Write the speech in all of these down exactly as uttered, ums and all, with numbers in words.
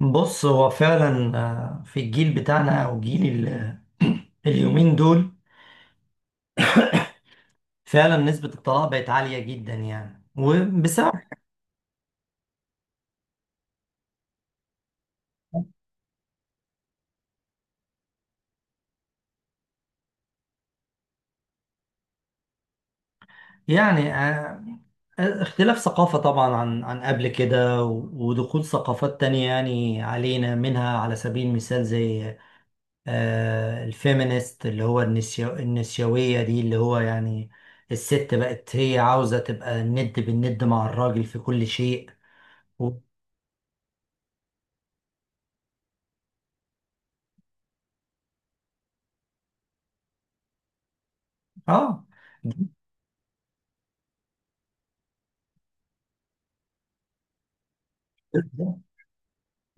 بص، هو فعلا آه، في الجيل بتاعنا او جيل ال- اليومين دول، فعلا نسبة الطلاق بقت عالية جدا، يعني، وبسبب، يعني، آه، اختلاف ثقافة، طبعا عن عن قبل كده و- ودخول ثقافات تانية يعني علينا، منها على سبيل المثال زي آه، الفيمينيست، اللي هو النسيو النسيوية دي، اللي هو يعني الست بقت هي عاوزة تبقى الند بالند مع الراجل في كل شيء. و...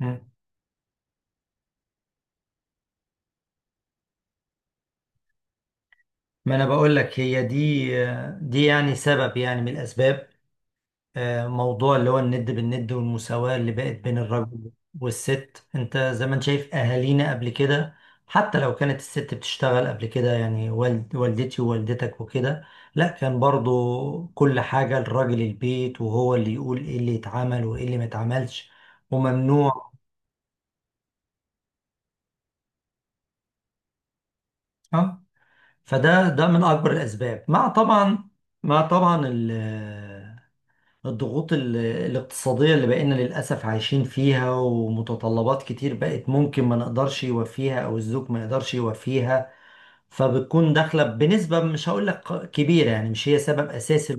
اه، ما انا بقول لك هي دي دي يعني سبب، يعني من الاسباب. آه، موضوع اللي هو الند بالند والمساواة اللي بقت بين الرجل والست. انت زي ما انت شايف اهالينا قبل كده، حتى لو كانت الست بتشتغل قبل كده، يعني والد والدتي ووالدتك وكده، لا، كان برضو كل حاجة الراجل، البيت وهو اللي يقول ايه اللي يتعمل وايه اللي ما يتعملش، وممنوع. اه، فده ده من اكبر الاسباب، مع طبعا مع طبعا الضغوط ال- الاقتصادية اللي بقينا للأسف عايشين فيها، ومتطلبات كتير بقت ممكن ما نقدرش يوفيها أو الزوج ما يقدرش يوفيها. فبتكون داخلة بنسبة مش هقول لك كبيرة، يعني مش هي سبب أساسي.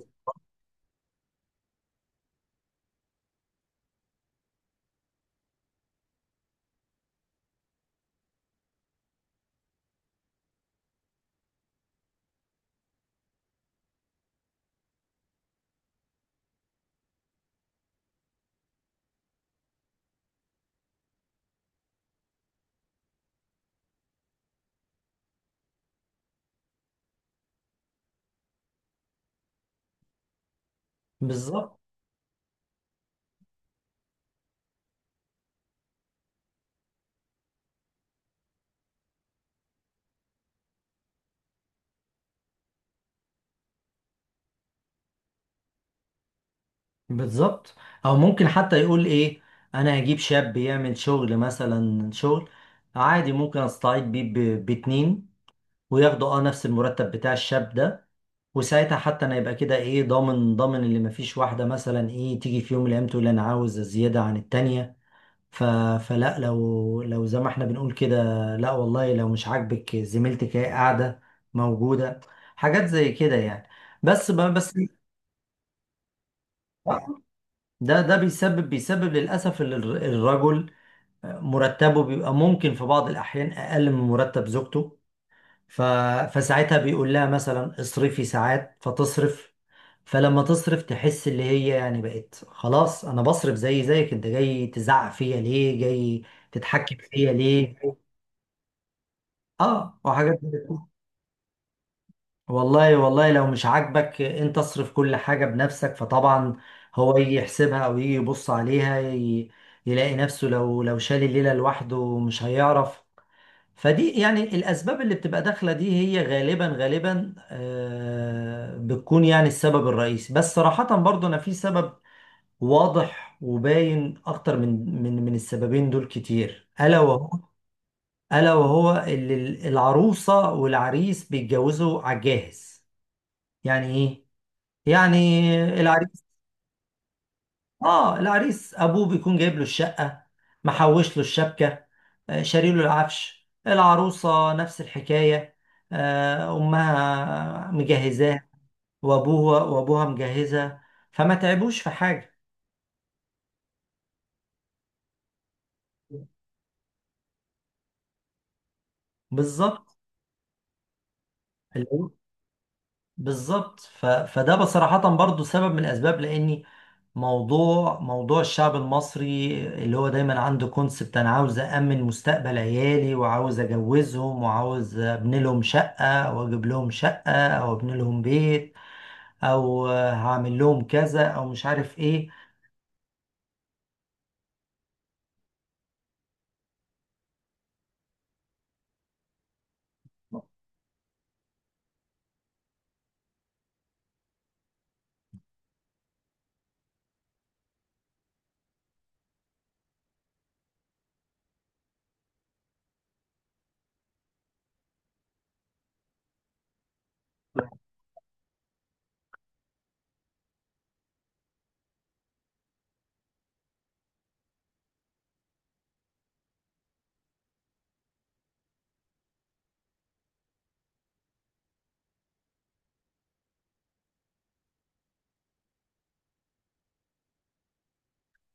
بالظبط. بالظبط. أو ممكن حتى يقول إيه، أنا هجيب شاب يعمل شغل، مثلا شغل عادي، ممكن أستعيد بيه ب- باتنين، وياخدوا أه نفس المرتب بتاع الشاب ده. وساعتها حتى انا يبقى كده ايه، ضامن ضامن اللي مفيش واحده مثلا ايه تيجي في يوم من الايام تقول انا عاوز زياده عن التانيه. ف... فلا، لو لو زي ما احنا بنقول كده، لا والله لو مش عاجبك زميلتك هي قاعده، موجوده، حاجات زي كده يعني. بس ب... بس ده ده بيسبب بيسبب للاسف ال- الرجل، مرتبه بيبقى ممكن في بعض الاحيان اقل من مرتب زوجته. ف... فساعتها بيقول لها مثلا اصرفي، ساعات فتصرف، فلما تصرف تحس اللي هي يعني بقت خلاص، انا بصرف زي زيك، انت جاي تزعق فيا ليه، جاي تتحكم فيا ليه؟ اه، وحاجات زي كده. والله والله لو مش عاجبك انت اصرف كل حاجة بنفسك، فطبعا هو يجي يحسبها او يجي يبص عليها، ي... يلاقي نفسه لو لو شال الليلة لوحده مش هيعرف. فدي يعني الأسباب اللي بتبقى داخلة، دي هي غالبا غالبا آه، بتكون يعني السبب الرئيسي. بس صراحة، برضو أنا في سبب واضح وباين أكتر من من من السببين دول كتير، ألا وهو. ألا وهو اللي ال- العروسة والعريس بيتجوزوا على الجاهز. يعني إيه؟ يعني العريس، اه العريس ابوه بيكون جايب له الشقه، محوش له الشبكه، آه، شاري له العفش. العروسه نفس الحكايه، آه، امها مجهزاه، وابوها وابوها مجهزه، فما تعبوش في حاجه. بالظبط. بالظبط. ف... فده بصراحة برضو سبب من الأسباب. لأني موضوع موضوع الشعب المصري اللي هو دايما عنده كونسبت، أنا عاوز أأمن مستقبل عيالي وعاوز أجوزهم وعاوز أبني لهم شقة أو أجيب لهم شقة أو أبني لهم بيت أو هعمل لهم كذا أو مش عارف إيه.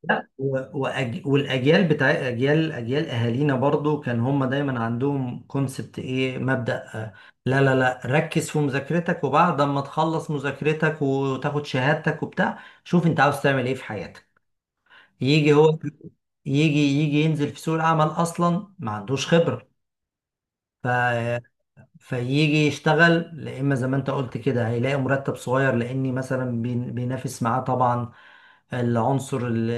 لا، و- وأج... والاجيال، بتاع اجيال اجيال اهالينا برضو كان هم دايما عندهم كونسبت ايه، مبدأ، آه، لا لا لا، ركز في مذاكرتك وبعد ما تخلص مذاكرتك وتاخد شهادتك وبتاع، شوف انت عاوز تعمل ايه في حياتك. يجي هو، يجي يجي ينزل في سوق العمل اصلا ما عندوش خبرة. ف فيجي يشتغل، لا، اما زي ما انت قلت كده هيلاقي مرتب صغير، لاني مثلا بين- بينافس معاه طبعا العنصر ال-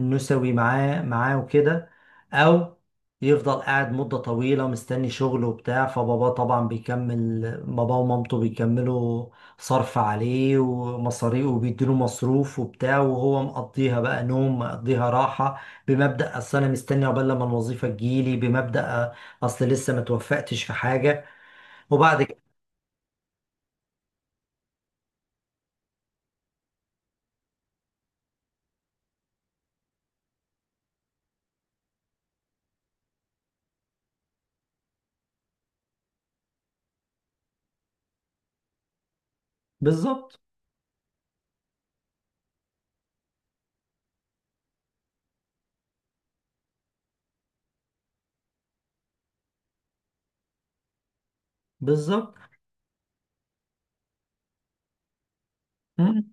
النسوي معاه معاه وكده، او يفضل قاعد مدة طويلة مستني شغله وبتاع. فباباه طبعا بيكمل، باباه ومامته بيكملوا، صرف عليه ومصاريف وبيديله مصروف وبتاع، وهو مقضيها بقى نوم مقضيها راحة، بمبدأ أصل أنا مستني عقبال لما الوظيفة تجيلي، بمبدأ أصل لسه ما توفقتش في حاجة، وبعد كده. بالظبط. بالظبط. مم.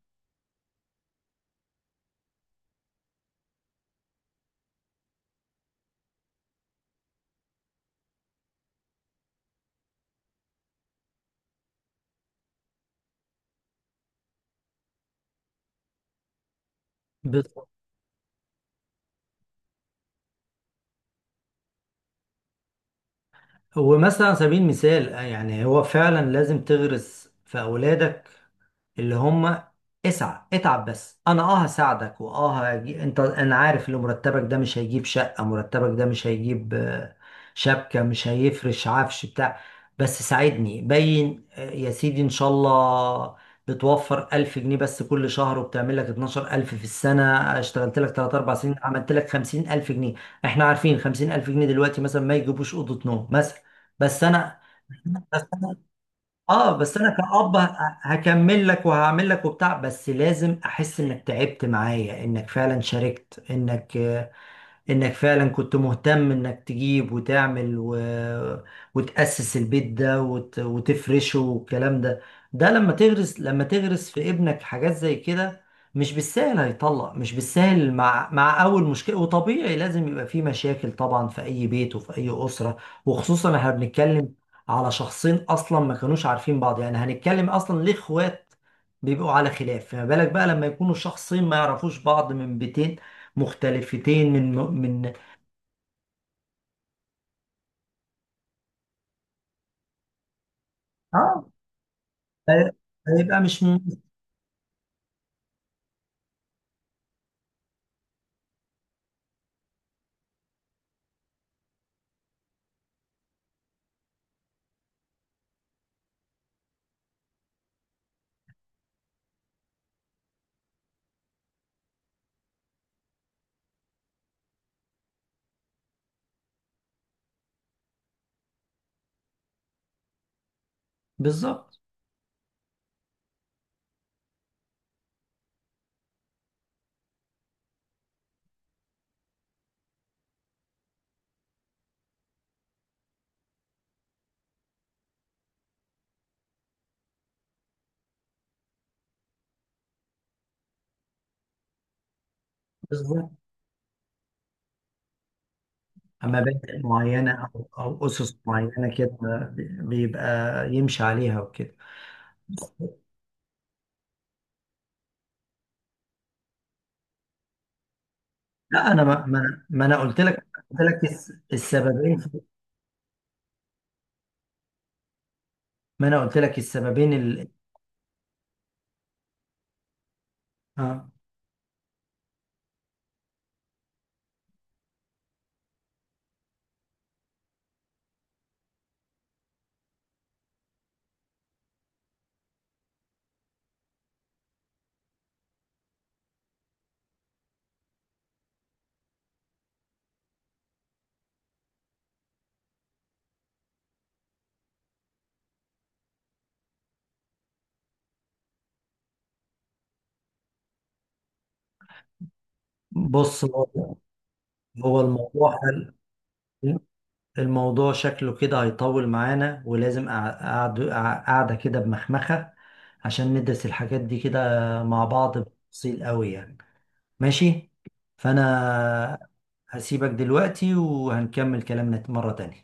بالظبط. هو مثلا على سبيل المثال، آه، يعني هو فعلا لازم تغرس في أولادك اللي هم، اسعى، اتعب، بس انا اه هساعدك، واه هجي... انت، انا عارف ان مرتبك ده مش هيجيب شقة، مرتبك ده مش هيجيب آه، شبكة، مش هيفرش عفش بتاع، بس ساعدني، باين آه، يا سيدي ان شاء الله. بتوفر ألف جنيه بس كل شهر، وبتعمل لك اتناشر ألف في السنة. اشتغلت لك تلاتة اربعة سنين، عملت لك خمسين ألف جنيه. احنا عارفين خمسين ألف جنيه دلوقتي مثلا ما يجيبوش أوضة نوم مثلا، بس انا اه بس انا كأب ه- هكمل لك وهعمل لك وبتاع، بس لازم احس انك تعبت معايا، انك فعلا شاركت، انك انك فعلا كنت مهتم انك تجيب وتعمل و... وتأسس البيت ده وت... وتفرشه والكلام ده. ده، لما تغرس لما تغرس في ابنك حاجات زي كده، مش بالسهل هيطلق، مش بالسهل مع مع اول مشكلة. وطبيعي لازم يبقى في مشاكل طبعا في اي بيت وفي اي أسرة، وخصوصا احنا بنتكلم على شخصين اصلا ما كانوش عارفين بعض، يعني هنتكلم اصلا ليه اخوات بيبقوا على خلاف، فما بالك بقى لما يكونوا شخصين ما يعرفوش بعض من بيتين مختلفتين من من اه. ف- فيبقى مش م- بالظبط. بالظبط. مبادئ معينة أو أو أسس معينة كده بيبقى يمشي عليها وكده. لا، أنا ما ما أنا ما أنا قلت لك قلت لك الس- السببين في- ما أنا قلت لك السببين ال... آه. بص، هو هو الموضوع الموضوع شكله كده هيطول معانا، ولازم قعدة، قعدة كده بمخمخة، عشان ندرس الحاجات دي كده مع بعض بتفصيل قوي، يعني. ماشي. فانا هسيبك دلوقتي وهنكمل كلامنا مرة تانية.